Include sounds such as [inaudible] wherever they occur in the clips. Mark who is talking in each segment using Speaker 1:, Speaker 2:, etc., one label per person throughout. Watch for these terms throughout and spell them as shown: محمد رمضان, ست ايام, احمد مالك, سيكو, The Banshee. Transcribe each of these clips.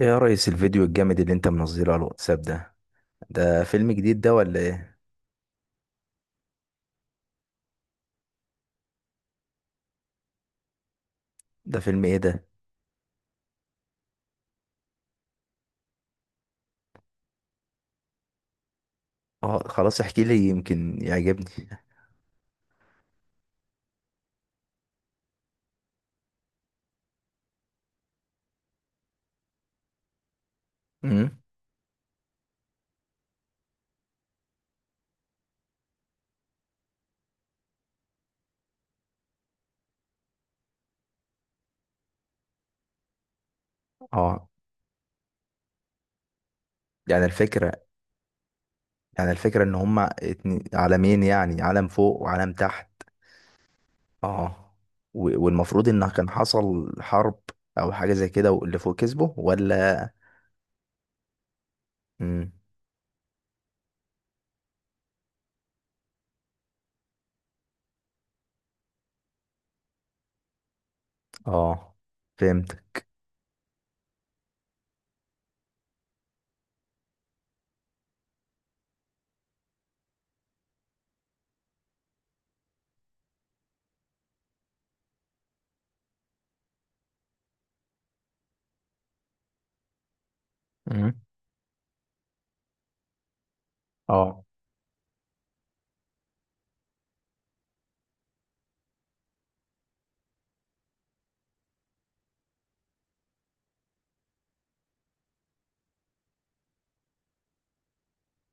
Speaker 1: ايه يا ريس، الفيديو الجامد اللي انت منزله على الواتساب ده فيلم جديد ده ولا ايه؟ ده فيلم ايه ده؟ اه، خلاص احكي لي يمكن يعجبني. امم. اه، يعني الفكرة يعني الفكرة ان هما اتنين عالمين، يعني عالم فوق وعالم تحت. اه، و- والمفروض ان كان حصل حرب او حاجة زي كده، واللي فوق كسبه ولا؟ امم. اه، فهمت. امم. اه.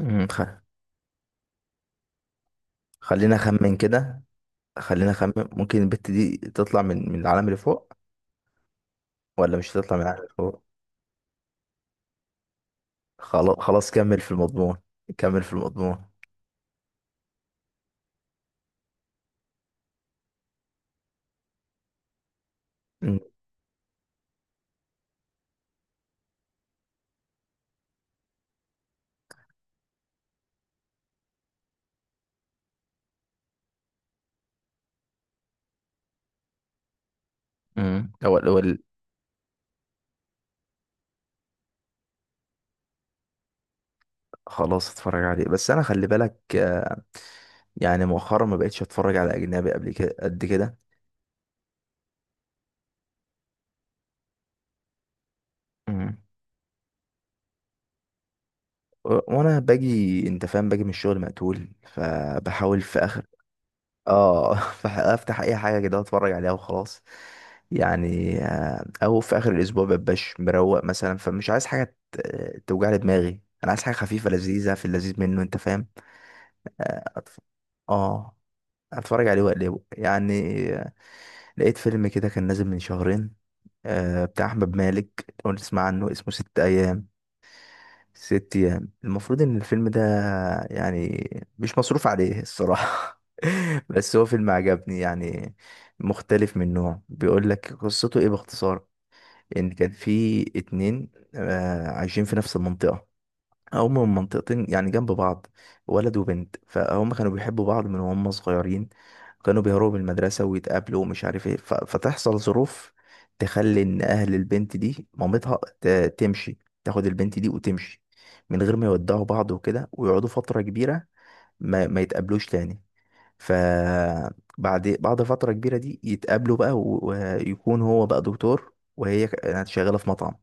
Speaker 1: امم خ... خلينا اخمن كده، خلينا اخمن ممكن البت دي تطلع من العالم اللي فوق، ولا مش هتطلع من عقلك هو؟ خلاص خلاص، كمل في المضمون، كمل في المضمون. م- م. هو الأول. خلاص اتفرج عليه، بس انا خلي بالك. يعني مؤخرا ما بقتش اتفرج على اجنبي قبل كده قد كده. م. وانا باجي، انت فاهم، باجي من الشغل مقتول، فبحاول في اخر. اه. [laughs] فافتح اي حاجه كده اتفرج عليها وخلاص. يعني، او في اخر الاسبوع مبقاش مروق مثلا، فمش عايز حاجه توجع لي دماغي، انا عايز حاجه خفيفه لذيذه، في اللذيذ منه، انت فاهم؟ آه، اه، اتفرج عليه واقلبه يعني. لقيت فيلم كده كان نازل من شهرين، بتاع احمد مالك، لو أنت تسمع عنه اسمه ست ايام. ست ايام، المفروض ان الفيلم ده، يعني، مش مصروف عليه الصراحة. [laughs] بس هو فيلم عجبني يعني، مختلف، من نوع بيقول لك قصته ايه باختصار. ان كان في اتنين عايشين في نفس المنطقة، هما من منطقتين يعني جنب بعض، ولد وبنت، فهم كانوا بيحبوا بعض من وهم صغيرين، كانوا بيهربوا من المدرسة ويتقابلوا ومش عارف ايه. فتحصل ظروف تخلي ان اهل البنت دي، مامتها تمشي، تاخد البنت دي وتمشي من غير ما يودعوا بعض وكده، ويقعدوا فترة كبيرة ما يتقابلوش تاني. ف بعد فترة كبيرة دي يتقابلوا بقى، ويكون هو بقى دكتور، وهي كانت شغالة في مطعم.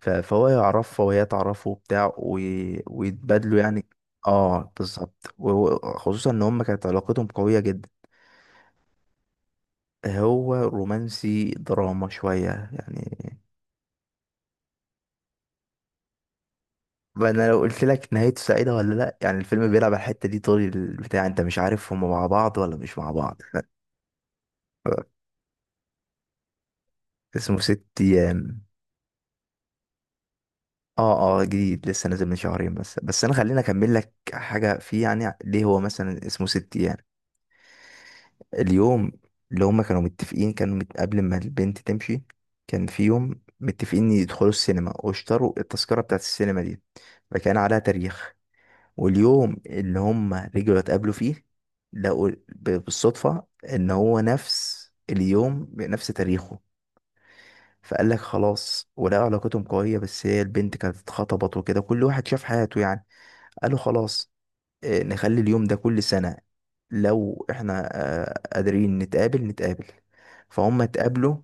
Speaker 1: فهو يعرفها وهي تعرفه وبتاع، ويتبادلوا يعني. اه، بالظبط، وخصوصا ان هما كانت علاقتهم قوية جدا. هو رومانسي دراما شوية يعني. ما انا لو قلت لك نهايته سعيدة ولا لا، يعني الفيلم بيلعب على الحتة دي طول البتاع، انت مش عارف هما مع بعض ولا مش مع بعض. [laughs] اسمه ست ايام. اه، اه، جديد، لسه نازل من شهرين. بس انا خليني اكمل لك حاجة فيه، يعني ليه هو مثلا اسمه ست ايام. اليوم اللي هما كانوا متفقين، كانوا قبل ما البنت تمشي، كان في يوم متفقين يدخلوا السينما، واشتروا التذكرة بتاعت السينما دي، فكان عليها تاريخ. واليوم اللي هما رجعوا اتقابلوا فيه، لقوا بالصدفة ان هو نفس اليوم بنفس تاريخه. فقال لك خلاص، ولقوا علاقتهم قوية، بس هي البنت كانت اتخطبت وكده، كل واحد شاف حياته يعني. قالوا خلاص، نخلي اليوم ده كل سنة، لو احنا قادرين نتقابل، نتقابل. فهم اتقابلوا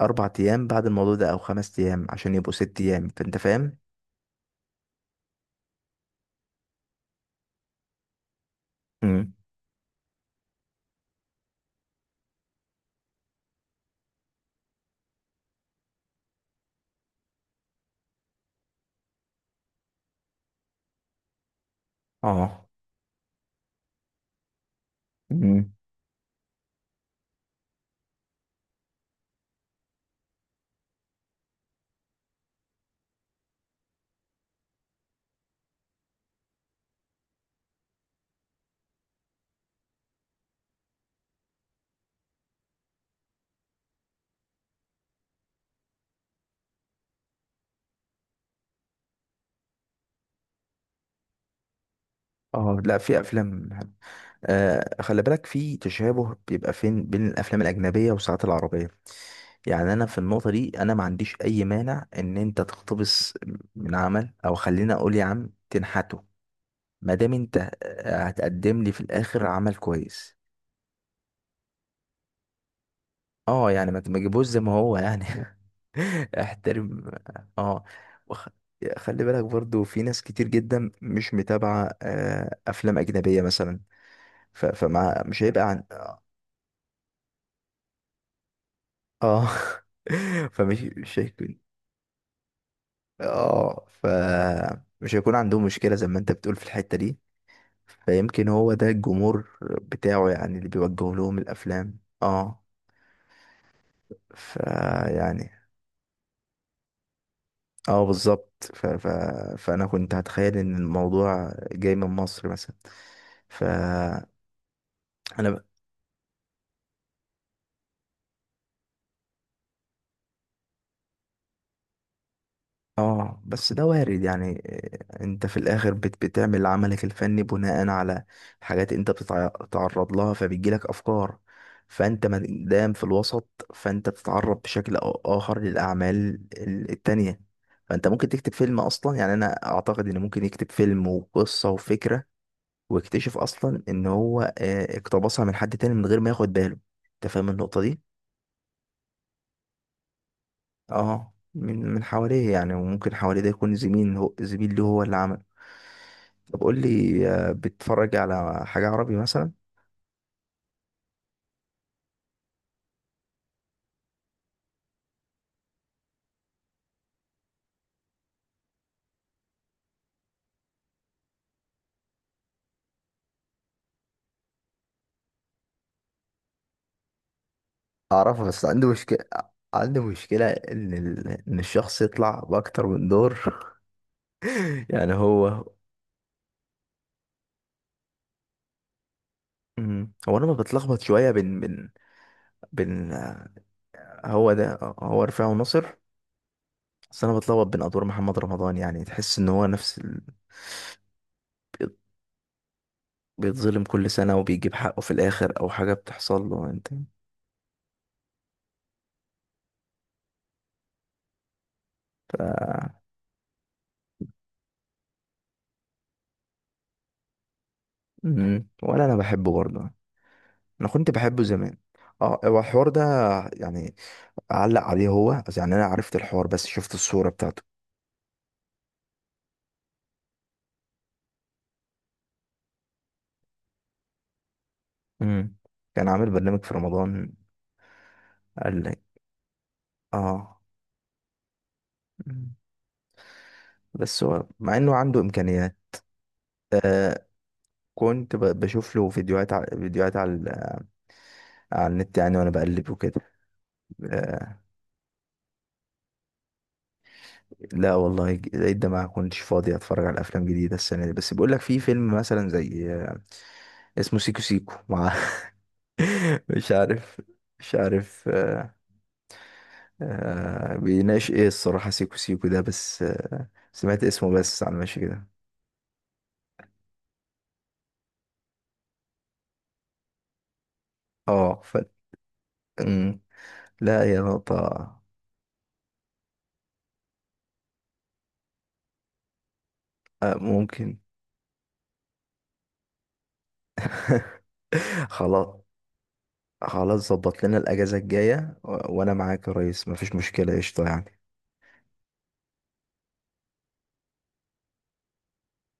Speaker 1: 4 أيام بعد الموضوع ده، أو 5 أيام، عشان يبقوا 6 أيام، فأنت فاهم؟ امم. اه. امم. اه، لا، في أفلام حلوة. خلي بالك، في تشابه بيبقى فين بين الأفلام الأجنبية والساعات العربية، يعني أنا في النقطة دي، أنا ما عنديش أي مانع إن أنت تقتبس من عمل، أو خلينا أقول يا عم تنحته، ما دام أنت هتقدم لي في الآخر عمل كويس. اه، يعني ما تجيبوش زي ما هو يعني. [laughs] احترم. اه. وخ... خلي بالك برضو، في ناس كتير جدا مش متابعة افلام اجنبية مثلا، ف... فمع مش هيبقى عن. اه. [laughs] فمش مش هيكون. اه، فمش هيكون عندهم مشكلة زي ما انت بتقول في الحتة دي، فيمكن هو ده الجمهور بتاعه، يعني اللي بيوجه لهم الافلام. اه، فيعني، اه، بالظبط. فانا كنت هتخيل ان الموضوع جاي من مصر مثلا. فانا ب... اه، بس ده وارد، يعني إيه، انت في الاخر بتعمل عملك الفني بناء على حاجات انت بتتعرض لها، فبيجيلك افكار، فانت ما دام في الوسط، فانت بتتعرض بشكل أو اخر للاعمال التانية. فانت ممكن تكتب فيلم اصلا، يعني انا اعتقد ان ممكن يكتب فيلم وقصة وفكرة، واكتشف اصلا ان هو اقتبسها من حد تاني من غير ما ياخد باله. انت فاهم النقطة دي؟ اه، من حواليه يعني، وممكن حواليه ده يكون زميل، هو زميل له هو اللي عمل. طب قول لي، بتتفرج على حاجة عربي مثلا؟ اعرفها، بس عندي مشكلة، ان ان الشخص يطلع باكتر من دور. [laughs] يعني هو. مم. هو انا ما بتلخبط شوية بين بين هو ده، هو رفاعي وناصر. بس انا بتلخبط بين ادوار محمد رمضان، يعني تحس ان هو نفس. بيتظلم كل سنة وبيجيب حقه في الآخر، أو حاجة بتحصل له أنت. ف... مم. ولا أنا بحبه برضه. أنا كنت بحبه زمان. اه، هو الحوار ده، يعني أعلق عليه هو بس، يعني أنا عرفت الحوار بس شفت الصورة بتاعته. مم. كان عامل برنامج في رمضان، قال لي. اه. مم. بس هو مع إنه عنده إمكانيات. آه كنت بشوف له فيديوهات على النت يعني، وأنا بقلب وكده. آه، لا والله، العيد ده ما كنتش فاضي اتفرج على افلام جديده السنه دي، بس بيقول لك في فيلم مثلا زي، اسمه سيكو سيكو، مع [laughs] مش عارف، مش عارف آه، بيناقش ايه الصراحه سيكو سيكو ده. بس سمعت اسمه بس على ماشي كده. اه. مم. لا، هي نقطه. ممكن. [laughs] خلاص، خلاص، ظبط لنا الاجازه الجايه وانا معاك يا ريس، مفيش مشكله، قشطه يعني.